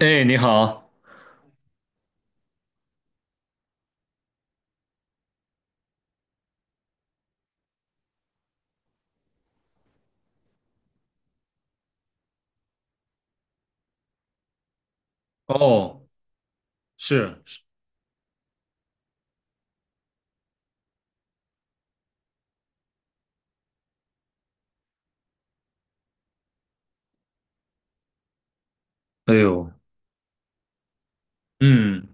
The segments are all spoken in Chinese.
哎，你好。哦，是，是。哎呦。嗯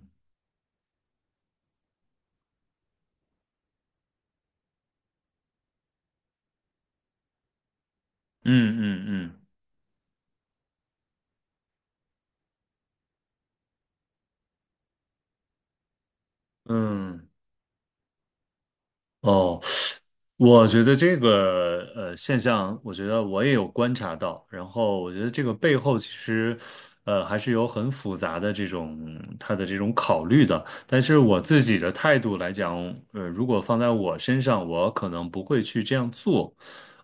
嗯嗯嗯嗯。哦，我觉得这个现象，我觉得我也有观察到，然后我觉得这个背后其实，还是有很复杂的这种他的这种考虑的。但是我自己的态度来讲，如果放在我身上，我可能不会去这样做。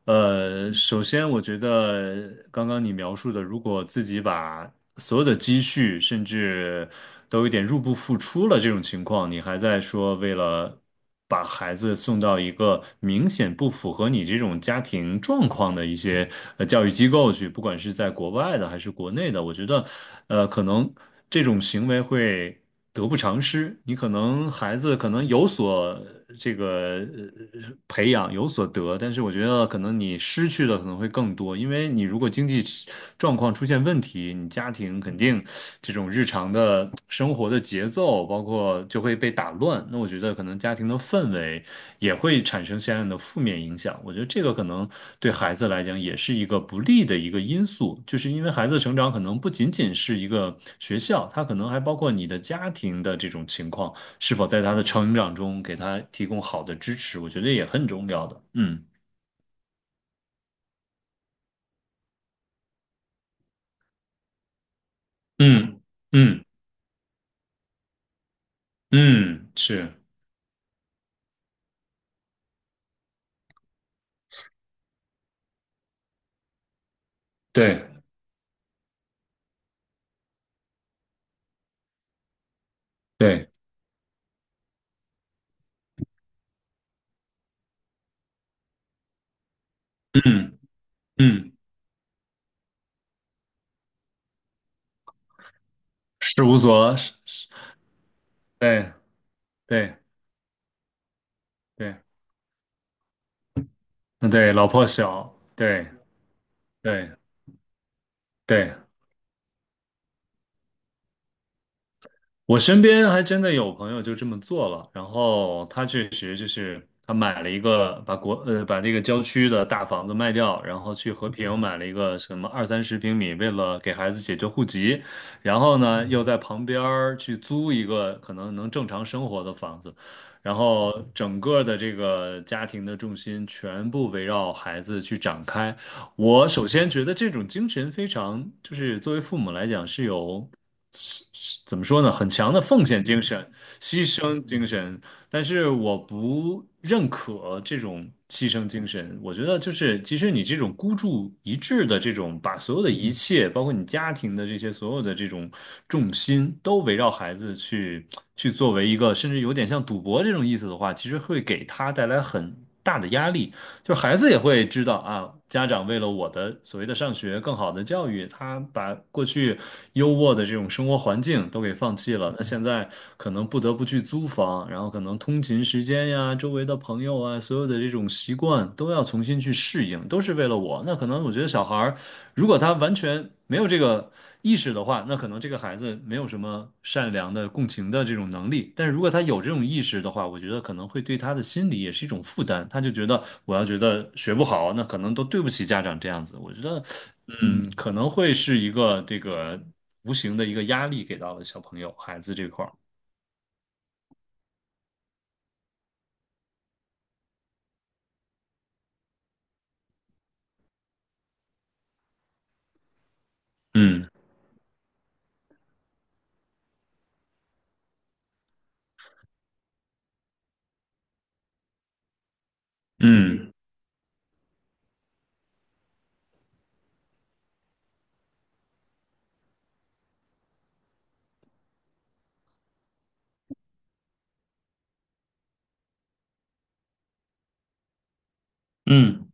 首先我觉得刚刚你描述的，如果自己把所有的积蓄，甚至都有点入不敷出了这种情况，你还在说为了把孩子送到一个明显不符合你这种家庭状况的一些教育机构去，不管是在国外的还是国内的，我觉得，可能这种行为会得不偿失。你可能孩子可能有所这个呃培养，有所得，但是我觉得可能你失去的可能会更多，因为你如果经济状况出现问题，你家庭肯定这种日常的。生活的节奏，包括就会被打乱。那我觉得可能家庭的氛围也会产生相应的负面影响。我觉得这个可能对孩子来讲也是一个不利的一个因素，就是因为孩子的成长可能不仅仅是一个学校，他可能还包括你的家庭的这种情况，是否在他的成长中给他提供好的支持，我觉得也很重要的。嗯嗯嗯嗯，是，对对。嗯嗯，事务所，是是。对对。对，嗯，对，老破小，对，对，对，我身边还真的有朋友就这么做了，然后他确实就是他买了一个，把国，把这个郊区的大房子卖掉，然后去和平买了一个什么二三十平米，为了给孩子解决户籍，然后呢，又在旁边儿去租一个可能能正常生活的房子，然后整个的这个家庭的重心全部围绕孩子去展开。我首先觉得这种精神非常，就是作为父母来讲是有，是怎么说呢，很强的奉献精神、牺牲精神。但是我不认可这种牺牲精神。我觉得就是，其实你这种孤注一掷的这种，把所有的一切，包括你家庭的这些所有的这种重心，都围绕孩子去作为一个，甚至有点像赌博这种意思的话，其实会给他带来很大的压力。就孩子也会知道啊，家长为了我的所谓的上学更好的教育，他把过去优渥的这种生活环境都给放弃了，那现在可能不得不去租房，然后可能通勤时间呀、周围的朋友啊，所有的这种习惯都要重新去适应，都是为了我。那可能我觉得小孩儿如果他完全没有这个意识的话，那可能这个孩子没有什么善良的共情的这种能力。但是如果他有这种意识的话，我觉得可能会对他的心理也是一种负担。他就觉得我要觉得学不好，那可能都对不起家长这样子。我觉得，可能会是一个这个无形的一个压力给到了小朋友孩子这块儿。嗯嗯嗯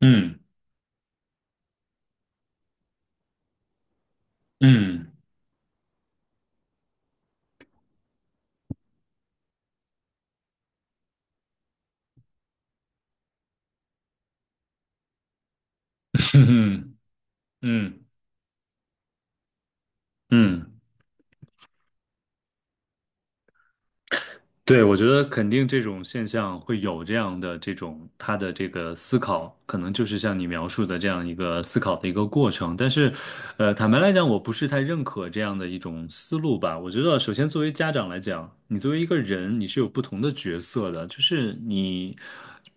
嗯嗯嗯嗯嗯嗯。对，我觉得肯定这种现象会有这样的这种他的这个思考，可能就是像你描述的这样一个思考的一个过程。但是，坦白来讲，我不是太认可这样的一种思路吧。我觉得，首先作为家长来讲，你作为一个人，你是有不同的角色的，就是你。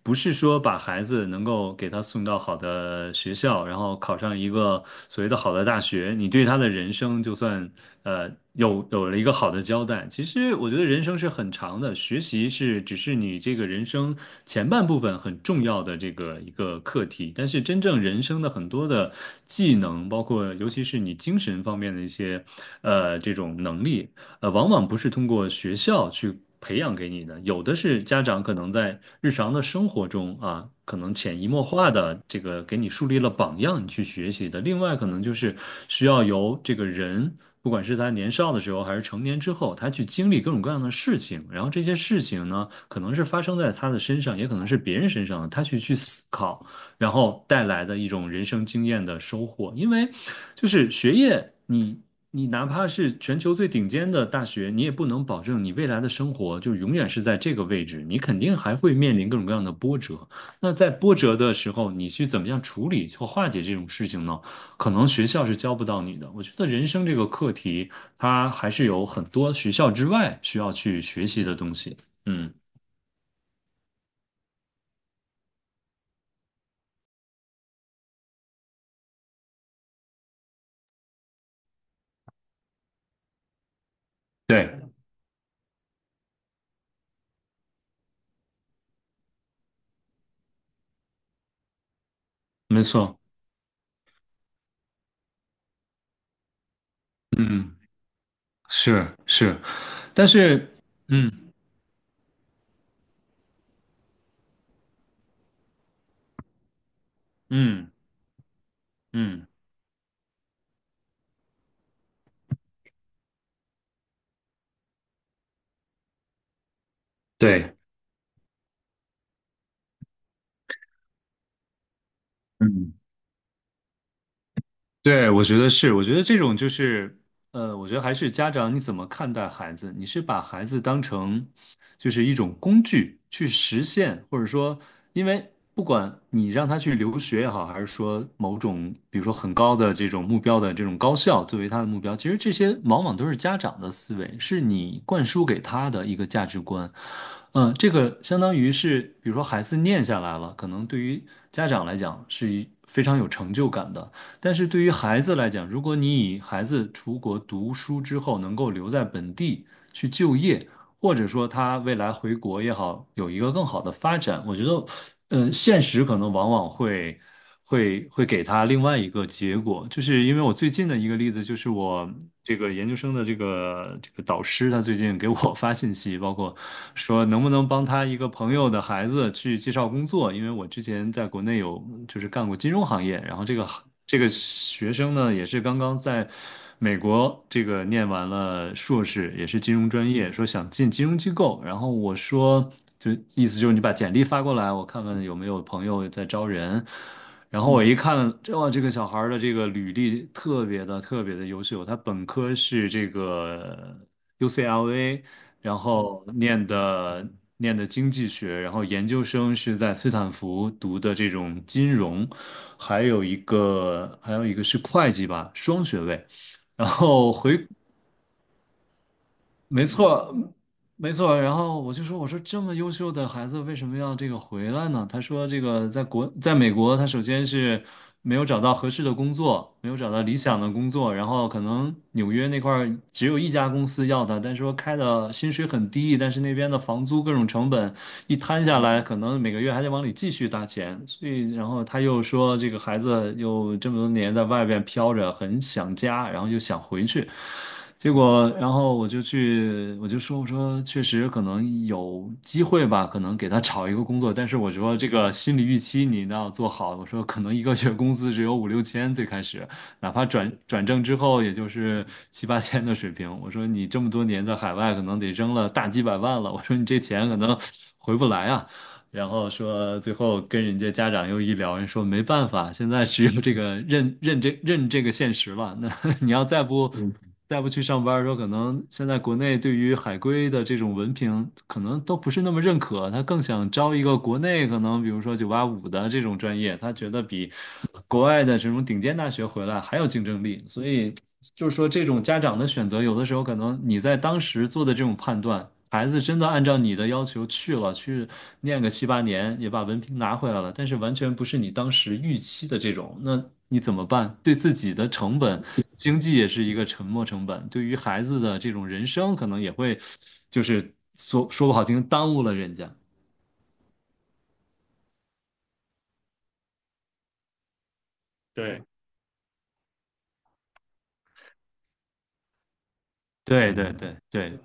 不是说把孩子能够给他送到好的学校，然后考上一个所谓的好的大学，你对他的人生就算有了一个好的交代。其实我觉得人生是很长的，学习是只是你这个人生前半部分很重要的这个一个课题，但是真正人生的很多的技能，包括尤其是你精神方面的一些这种能力。往往不是通过学校去培养给你的，有的是家长可能在日常的生活中啊，可能潜移默化的这个给你树立了榜样，你去学习的。另外，可能就是需要由这个人，不管是他年少的时候还是成年之后，他去经历各种各样的事情，然后这些事情呢，可能是发生在他的身上，也可能是别人身上的，他去思考，然后带来的一种人生经验的收获。因为就是学业，你。你哪怕是全球最顶尖的大学，你也不能保证你未来的生活就永远是在这个位置，你肯定还会面临各种各样的波折。那在波折的时候，你去怎么样处理或化解这种事情呢？可能学校是教不到你的。我觉得人生这个课题，它还是有很多学校之外需要去学习的东西。嗯，对，没错，嗯，是是，但是，嗯嗯嗯，对。嗯。对，我觉得是，我觉得这种就是，我觉得还是家长你怎么看待孩子？你是把孩子当成就是一种工具去实现，或者说，因为不管你让他去留学也好，还是说某种比如说很高的这种目标的这种高校作为他的目标，其实这些往往都是家长的思维，是你灌输给他的一个价值观。这个相当于是，比如说孩子念下来了，可能对于家长来讲是一非常有成就感的。但是对于孩子来讲，如果你以孩子出国读书之后能够留在本地去就业，或者说他未来回国也好，有一个更好的发展。我觉得，现实可能往往会给他另外一个结果，就是因为我最近的一个例子，就是我这个研究生的这个导师，他最近给我 发信息，包括说能不能帮他一个朋友的孩子去介绍工作，因为我之前在国内有就是干过金融行业，然后这个学生呢也是刚刚在。美国这个念完了硕士，也是金融专业，说想进金融机构。然后我说，就意思就是你把简历发过来，我看看有没有朋友在招人。然后我一看，这哇，这个小孩儿的这个履历特别的特别的优秀，他本科是这个 UCLA，然后念的经济学，然后研究生是在斯坦福读的这种金融，还有一个是会计吧，双学位。然后回，没错，没错。然后我就说，我说这么优秀的孩子为什么要这个回来呢？他说，这个在国，在美国，他首先是没有找到合适的工作，没有找到理想的工作，然后可能纽约那块儿只有一家公司要他，但是说开的薪水很低，但是那边的房租各种成本。一摊下来，可能每个月还得往里继续搭钱，所以然后他又说这个孩子又这么多年在外边飘着，很想家，然后又想回去，结果然后我就去我就说我说确实可能有机会吧，可能给他找一个工作，但是我说这个心理预期你一定要做好，我说可能一个月工资只有五六千最开始。哪怕正之后，也就是七八千的水平。我说你这么多年在海外，可能得扔了大几百万了。我说你这钱可能回不来啊。然后说最后跟人家家长又一聊，人说没办法，现在只有这个认认这认这个现实了。那 你要再不去上班的时候，可能现在国内对于海归的这种文凭，可能都不是那么认可。他更想招一个国内可能，比如说985的这种专业，他觉得比国外的这种顶尖大学回来还有竞争力。所以就是说，这种家长的选择，有的时候可能你在当时做的这种判断。孩子真的按照你的要求去了，去念个七八年，也把文凭拿回来了，但是完全不是你当时预期的这种，那你怎么办？对自己的成本，经济也是一个沉没成本，对于孩子的这种人生，可能也会，就是说说不好听，耽误了人家。对，对对对对，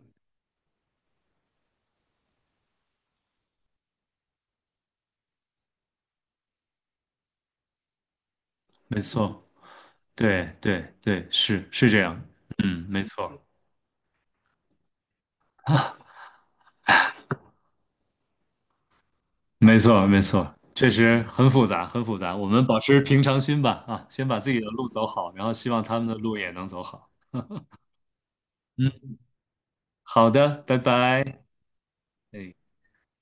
没错，对对对，是是这样，嗯，没错。没错，没错，确实很复杂，很复杂。我们保持平常心吧，啊，先把自己的路走好，然后希望他们的路也能走好。嗯，好的，拜拜。哎。